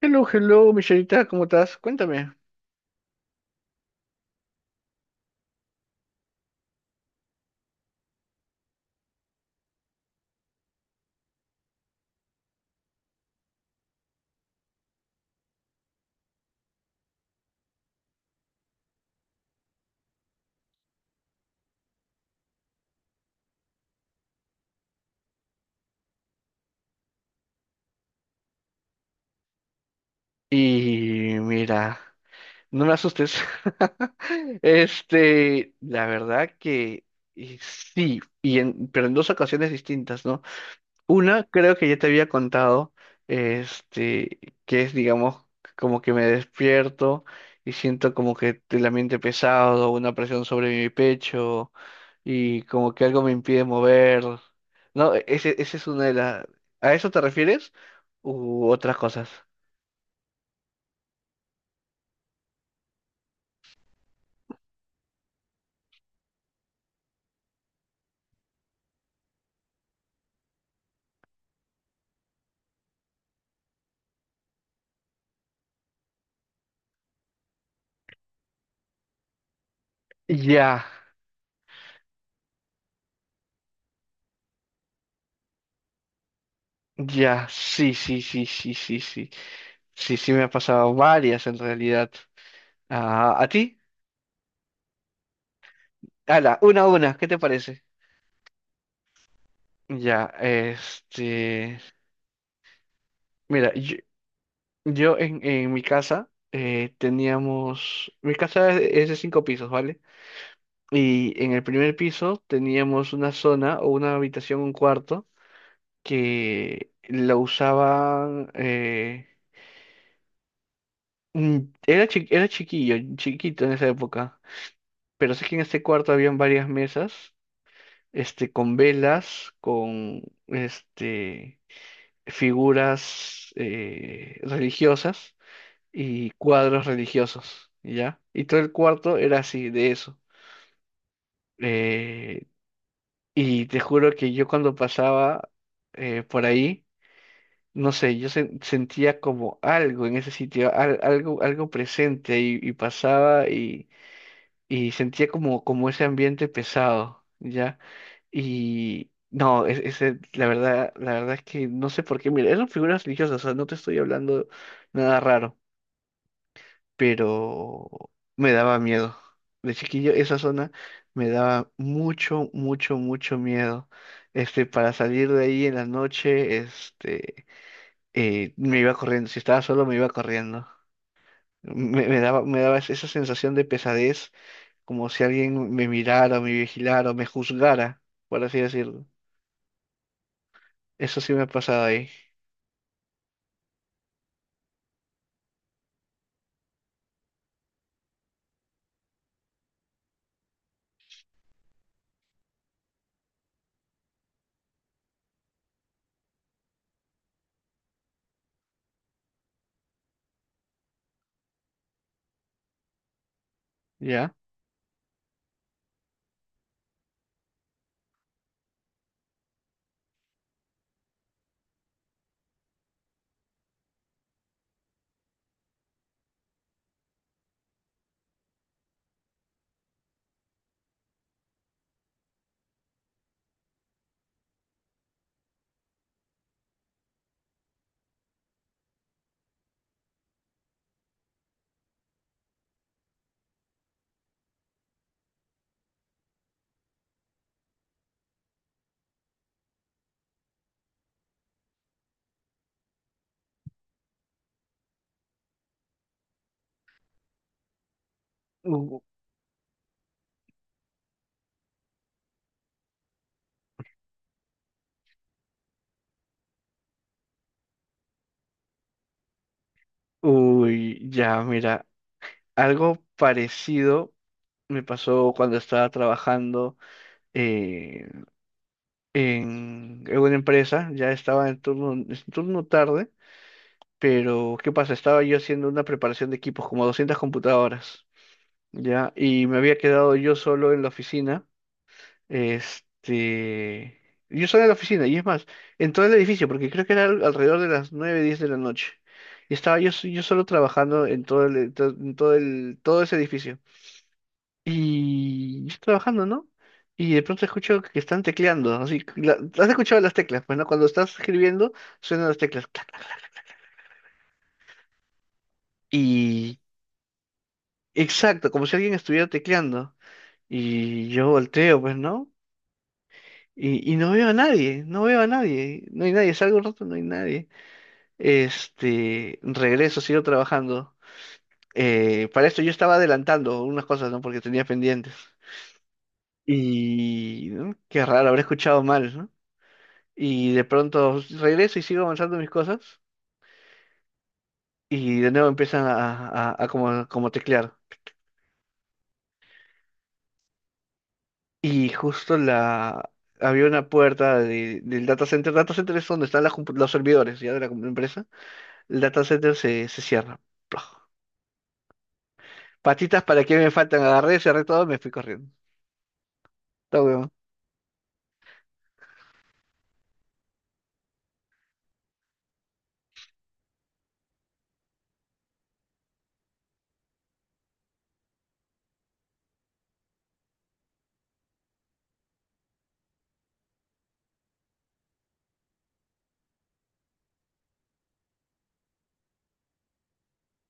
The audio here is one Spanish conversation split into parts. Hello, hello, Michelita, ¿cómo estás? Cuéntame. Y mira, no me asustes. La verdad que y sí, pero en dos ocasiones distintas, ¿no? Una, creo que ya te había contado, este, que es, digamos, como que me despierto y siento como que el ambiente pesado, una presión sobre mi pecho. Y como que algo me impide mover. No, ese es una de las... ¿A eso te refieres? U otras cosas. Ya, ya, sí, sí, sí, sí, sí, sí. Sí, sí me ha pasado varias en realidad. Ah, ¿a ti? Hala, una a una, ¿qué te parece? Ya. Mira, yo en mi casa teníamos... Mi casa es de cinco pisos, ¿vale? Y en el primer piso teníamos una zona o una habitación, un cuarto. Que la usaban. Mm, era chiquillo, chiquito en esa época. Pero sé que en este cuarto habían varias mesas, con velas, con figuras religiosas y cuadros religiosos, ¿ya? Y todo el cuarto era así, de eso. Eh, y te juro que yo cuando pasaba por ahí no sé, yo sentía como algo en ese sitio, algo presente y pasaba y sentía como ese ambiente pesado, ¿ya? Y no, la verdad es que no sé por qué, mira, eran figuras religiosas, o sea, no te estoy hablando nada raro, pero me daba miedo. De chiquillo, esa zona me daba mucho, mucho, mucho miedo. Para salir de ahí en la noche, me iba corriendo, si estaba solo me iba corriendo. Me daba esa sensación de pesadez, como si alguien me mirara, me vigilara, me juzgara, por así decirlo. Eso sí me ha pasado ahí, ¿ya? U- Uy, ya, mira, algo parecido me pasó cuando estaba trabajando eh, en una empresa, ya estaba en turno tarde, pero ¿qué pasa? Estaba yo haciendo una preparación de equipos, como 200 computadoras. Ya, y me había quedado yo solo en la oficina, este, yo solo en la oficina, y es más, entré al edificio, porque creo que era alrededor de las 9:10 de la noche, y estaba yo solo trabajando en todo ese edificio, y yo estoy trabajando, ¿no? Y de pronto escucho que están tecleando, así, has escuchado las teclas, pues, ¿no? Cuando estás escribiendo, suenan las teclas, clac, clac, y, exacto, como si alguien estuviera tecleando, y yo volteo, pues, ¿no? Y no veo a nadie, no veo a nadie, no hay nadie, salgo un rato, no hay nadie. Regreso, sigo trabajando. Para esto yo estaba adelantando unas cosas, ¿no? Porque tenía pendientes. Y ¿no? Qué raro, habré escuchado mal, ¿no? Y de pronto regreso y sigo avanzando mis cosas. Y de nuevo empiezan a como teclear. Y justo la había una puerta del data center. Data center es donde están los servidores ya de la empresa. El data center se cierra. Patitas para que me faltan, agarré, cerré todo, me fui corriendo. Todo huevón.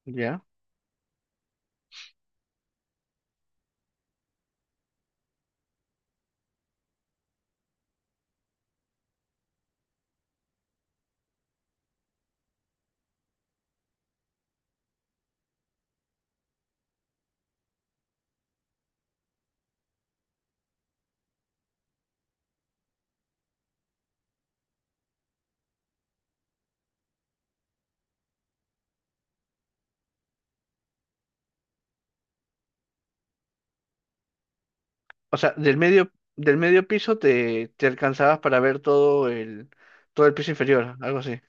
Ya. O sea, del medio piso te alcanzabas para ver todo el piso inferior, algo así.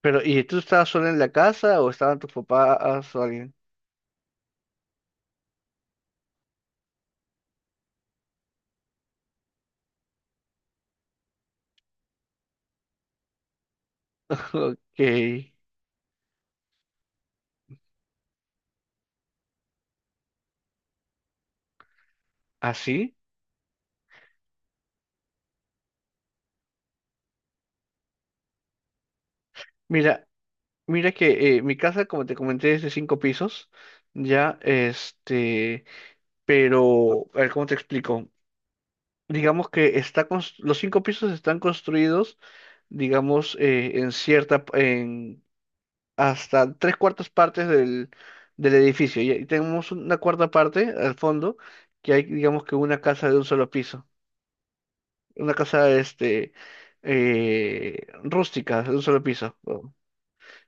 Pero, ¿y tú estabas sola en la casa o estaban tus papás o alguien? Ok. ¿Así? Mira, mira que mi casa, como te comenté, es de cinco pisos. Ya, este, pero, a ver, ¿cómo te explico? Digamos que los cinco pisos están construidos, digamos, en hasta tres cuartas partes del edificio. Y ahí tenemos una cuarta parte al fondo, que hay, digamos que una casa de un solo piso, una casa, rústica de un solo piso.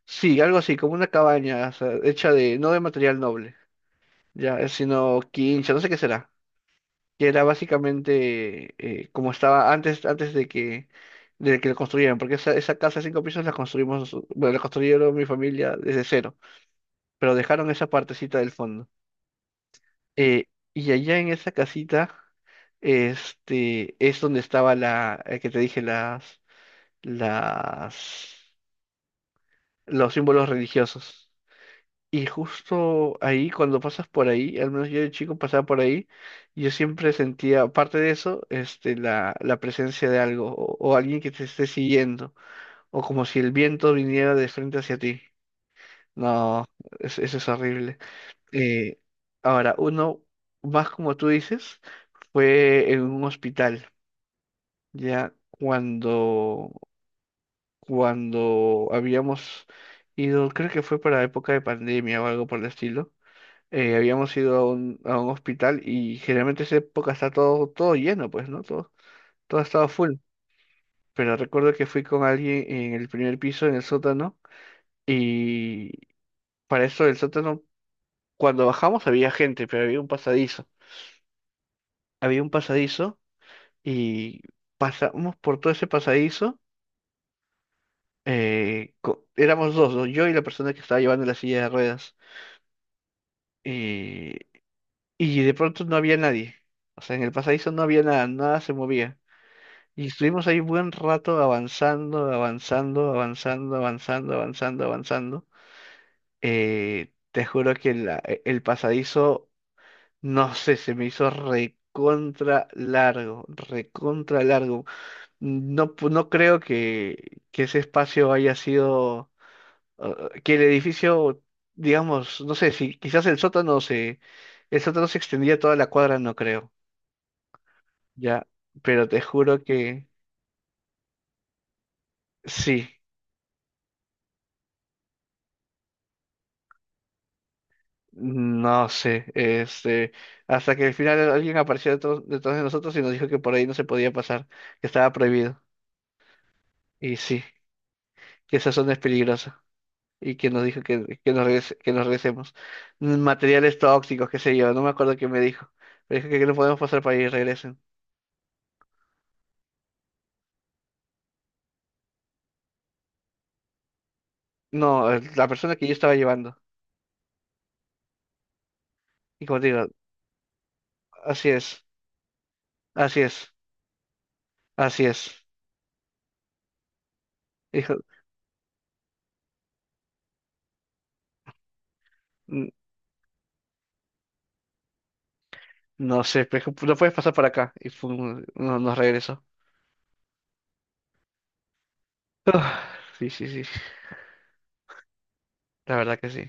Sí, algo así, como una cabaña, o sea, hecha de, no de material noble, ya, sino quincha, no sé qué será. Que era básicamente como estaba antes de que lo construyeran, porque esa casa de cinco pisos la construimos, bueno, la construyeron mi familia desde cero, pero dejaron esa partecita del fondo. Eh, y allá en esa casita, es donde estaba que te dije, las, los símbolos religiosos. Y justo ahí, cuando pasas por ahí, al menos yo de chico pasaba por ahí, yo siempre sentía, aparte de eso, la presencia de algo, o alguien que te esté siguiendo, o como si el viento viniera de frente hacia ti. No, eso es horrible. Eh, Ahora, uno, más como tú dices, fue en un hospital, ya cuando habíamos ido, creo que fue para época de pandemia o algo por el estilo habíamos ido a un hospital y generalmente esa época está todo lleno, pues, ¿no? Todo estaba full. Pero recuerdo que fui con alguien en el primer piso, en el sótano, y para eso el sótano, cuando bajamos había gente, pero había un pasadizo. Había un pasadizo y pasamos por todo ese pasadizo. Éramos dos, ¿no? Yo y la persona que estaba llevando la silla de ruedas. Y, y de pronto no había nadie. O sea, en el pasadizo no había nada, nada se movía. Y estuvimos ahí buen rato avanzando, avanzando, avanzando, avanzando, avanzando, avanzando. Te juro que el pasadizo, no sé, se me hizo recontra largo, recontra largo. No, no creo que ese espacio haya sido, que el edificio, digamos, no sé, si quizás el sótano se extendía toda la cuadra, no creo, ya, pero te juro que sí. No sé, hasta que al final alguien apareció detrás de nosotros y nos dijo que por ahí no se podía pasar, que estaba prohibido. Y sí, que esa zona es peligrosa y que nos dijo que nos regresemos. Materiales tóxicos, qué sé yo, no me acuerdo qué me dijo. Pero dijo que no podemos pasar por ahí y regresen. No, la persona que yo estaba llevando. Y como te digo, así es, así es, así es. Dijo, "N- no sé, pero no puedes pasar por acá." Y fue no, nos regresó. Ah, sí, sí, sí. La verdad que sí.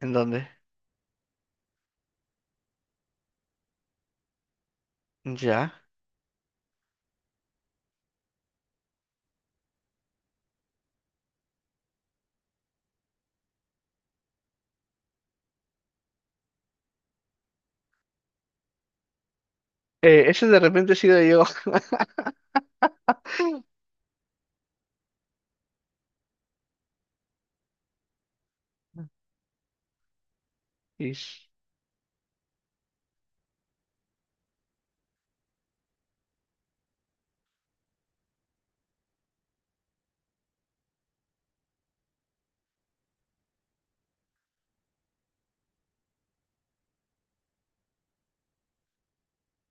¿En dónde? Ya. Ese de repente he sido yo. Y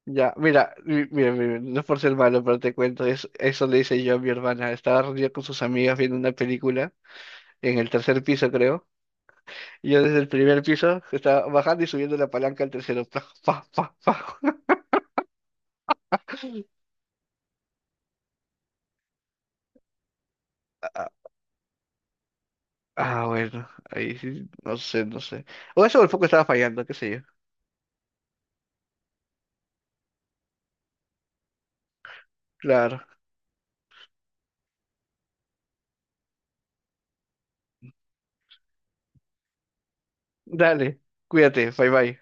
ya, mira, mira, mira, no es por ser malo, pero te cuento, eso le hice yo a mi hermana. Estaba reunida con sus amigas viendo una película en el tercer piso, creo. Y yo desde el primer piso estaba bajando y subiendo la palanca al tercero. Pa, pa, pa, pa. Ah, ah, bueno, ahí sí, no sé, no sé. O eso o el foco estaba fallando, qué sé yo. Claro. Dale, cuídate, bye bye.